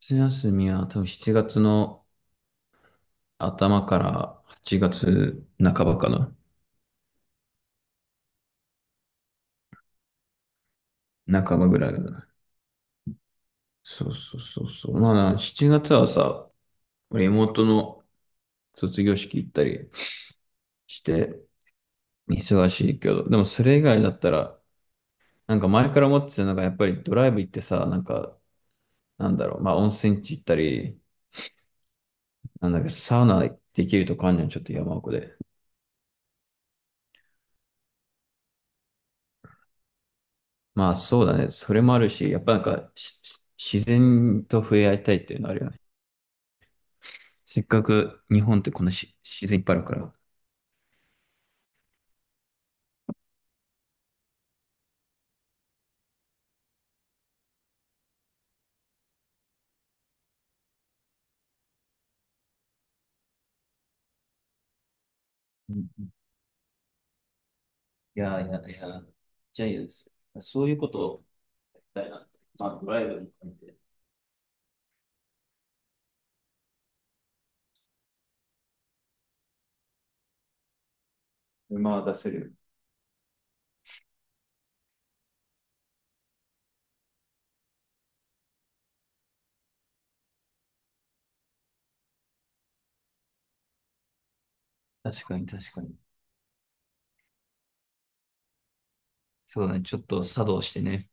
夏休みは多分7月の頭から8月半ばかな。半ばぐらいだな。そうそうそうそう。まあ7月はさ、俺妹の卒業式行ったりして忙しいけど、でもそれ以外だったら、なんか前から思ってたのがやっぱりドライブ行ってさ、なんか、なんだろう、まあ温泉地行ったり、なんだっけ、サウナできるとこあんじゃん、ちょっと山奥で。まあそうだね。それもあるし、やっぱなんか自然と触れ合いたいっていうのあるよね。せっかく日本ってこの自然いっぱいあるから。うん。いやいやいや、ジャイアンツ。そういうことをやりたいなって。まあ、ドライブも含めて。馬は出せるよ。確かに確かに。そうだね。ちょっと作動してね。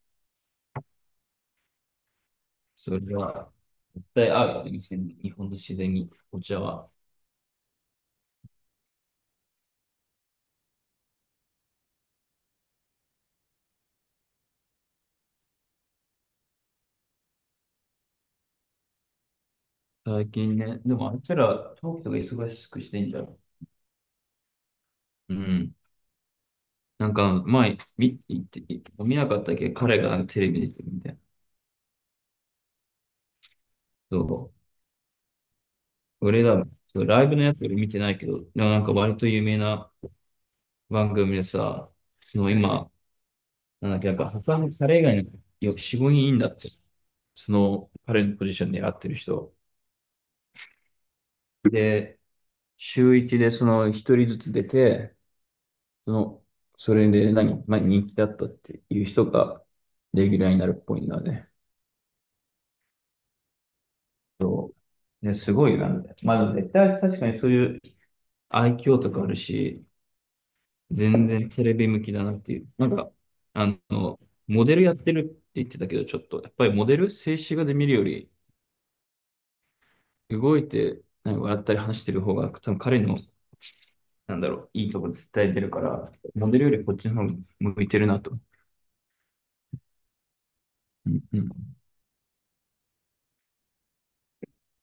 それは、絶対合うよね。店に日本の自然にお茶は。最近ね、でもあいつら、東京が忙しくしてんじゃん。うん。なんか、前、見なかったっけ彼がテレビ出てるみたいな。そう。俺ら、そうライブのやつ俺見てないけど、でもなんか割と有名な番組でさ、そのは今、なんだっけ、なんか他の彼以外の4、5人いいんだって。その彼のポジションでやってる人。で、週一でその一人ずつ出て、その、それで何、まあ、人気だったっていう人がレギュラーになるっぽいんだね。そう。ね、すごいな。まあ、絶対確かにそういう愛嬌とかあるし、全然テレビ向きだなっていう。なんか、あの、モデルやってるって言ってたけど、ちょっと、やっぱりモデル、静止画で見るより、動いて、なんか笑ったり話してる方が、多分彼の、なんだろう、いいとこ絶対出るから、モデルよりこっちの方が向いてるなと。うんうん。だ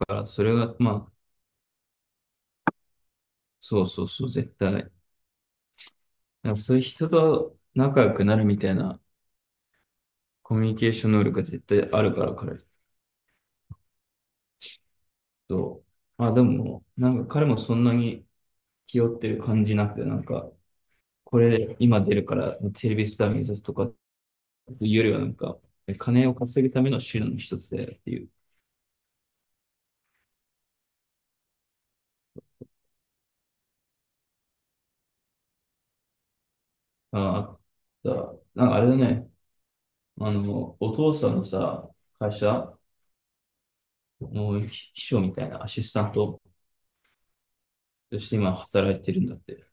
から、それが、まあ、そうそうそう、絶対。だからそういう人と仲良くなるみたいなコミュニケーション能力が絶対あるから、彼。そう。まあでも、なんか彼もそんなに気負ってる感じなくて、なんか、これ今出るからテレビスター目指すとかっていうよりはなんか、金を稼ぐための手段の一つでっていう。ああ、だなんかあれだね、お父さんのさ、会社の秘書みたいなアシスタントとして今働いてるんだって。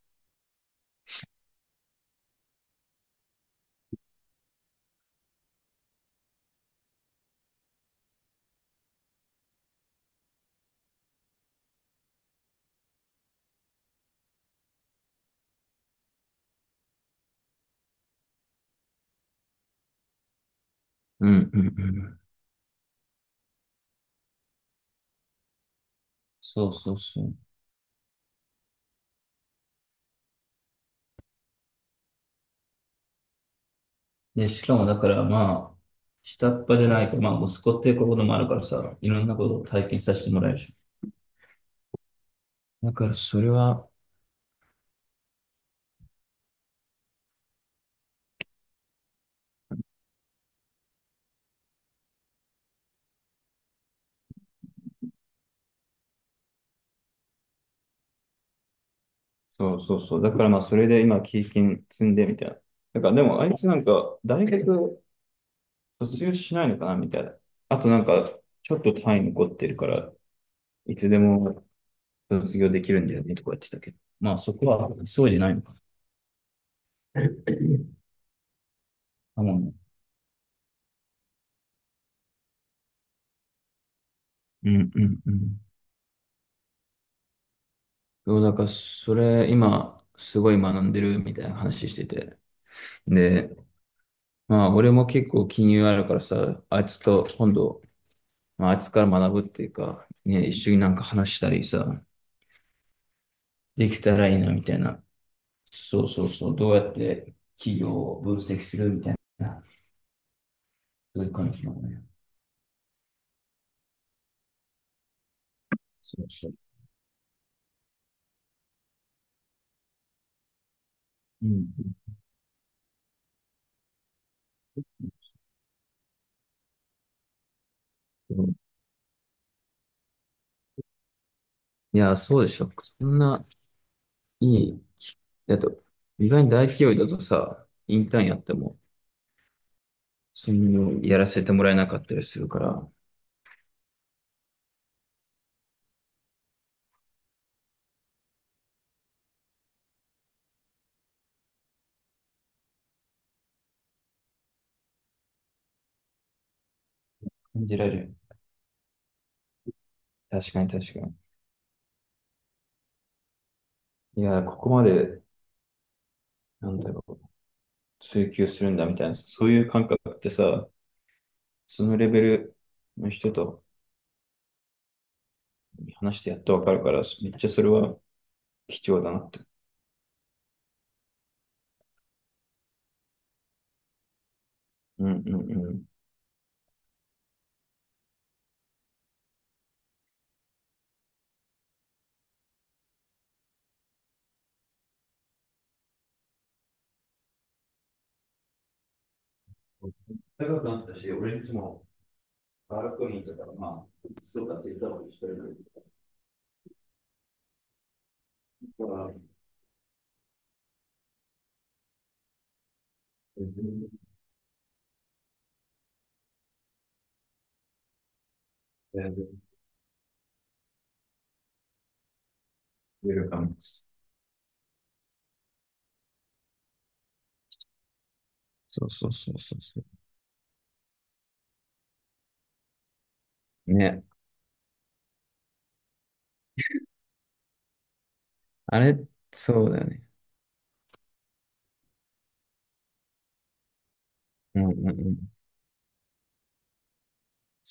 うんうんうん。そうそうそう。で、しかもだからまあ、下っ端じゃないか、まあ息子っていうこともあるからさ、いろんなことを体験させてもらえるし、だからそれは、そうそうそう。だからまあ、それで今、経験積んでみたいな。だからでも、あいつなんか、大学卒業しないのかなみたいな。あとなんか、ちょっと単位残ってるから、いつでも卒業できるんだよねとか言ってたけど。まあ、そこは急いでないのか。あ、もうね。うんうんうん。そう、だからそれ、今、すごい学んでるみたいな話してて。で、まあ、俺も結構金融あるからさ、あいつと今度、まあ、あいつから学ぶっていうか、ね、一緒になんか話したりさ、できたらいいなみたいな。そうそうそう、どうやって企業を分析するみたいな、そういう感じなのね。そうそう。うん。うん。いや、そうでしょ。そんないい。だと、意外に大企業だとさ、インターンやっても、そのなやらせてもらえなかったりするから、感じられる。確かに確かに。いや、ここまで、なんだろう、追求するんだみたいな、そういう感覚ってさ、そのレベルの人と話してやっとわかるから、めっちゃそれは貴重だなって。うんうんうん。高くなったし、俺んちもバルコニーとか、まあ、そうか、そういったことしてるから、全然ウるかも。そうそうそうそうそう。ね。あれ、そうだよね。うんうんうん。い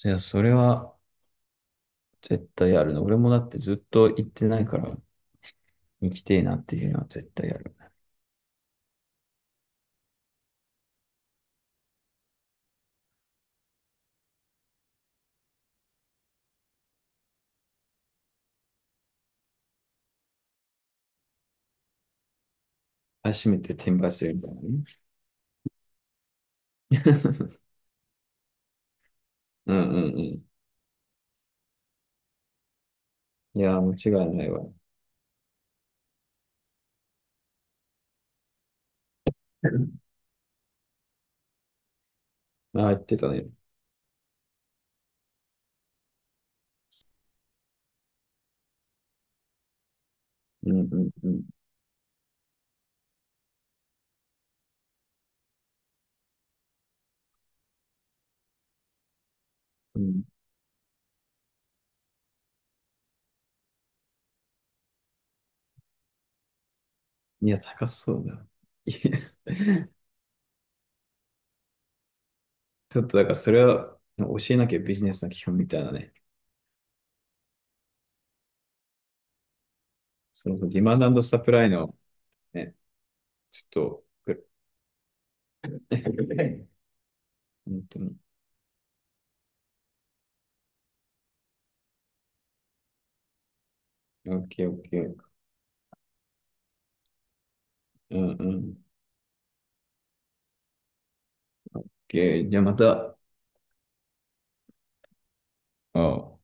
やそれは絶対あるの。俺もだってずっと行ってないから、行きてえなっていうのは絶対ある。初めて転売するみたいなね。うんうんうん。いやー、間違いないわ。ああ、言ってたね。うんうんうんうん。いや、高そうだ。いや、ちょっとだからそれは教えなきゃビジネスの基本みたいなね。そのディマンドサプライのね、ちょっと、本当に。オッケーオッケー。うんうん。オッケー。じゃあまた、ああ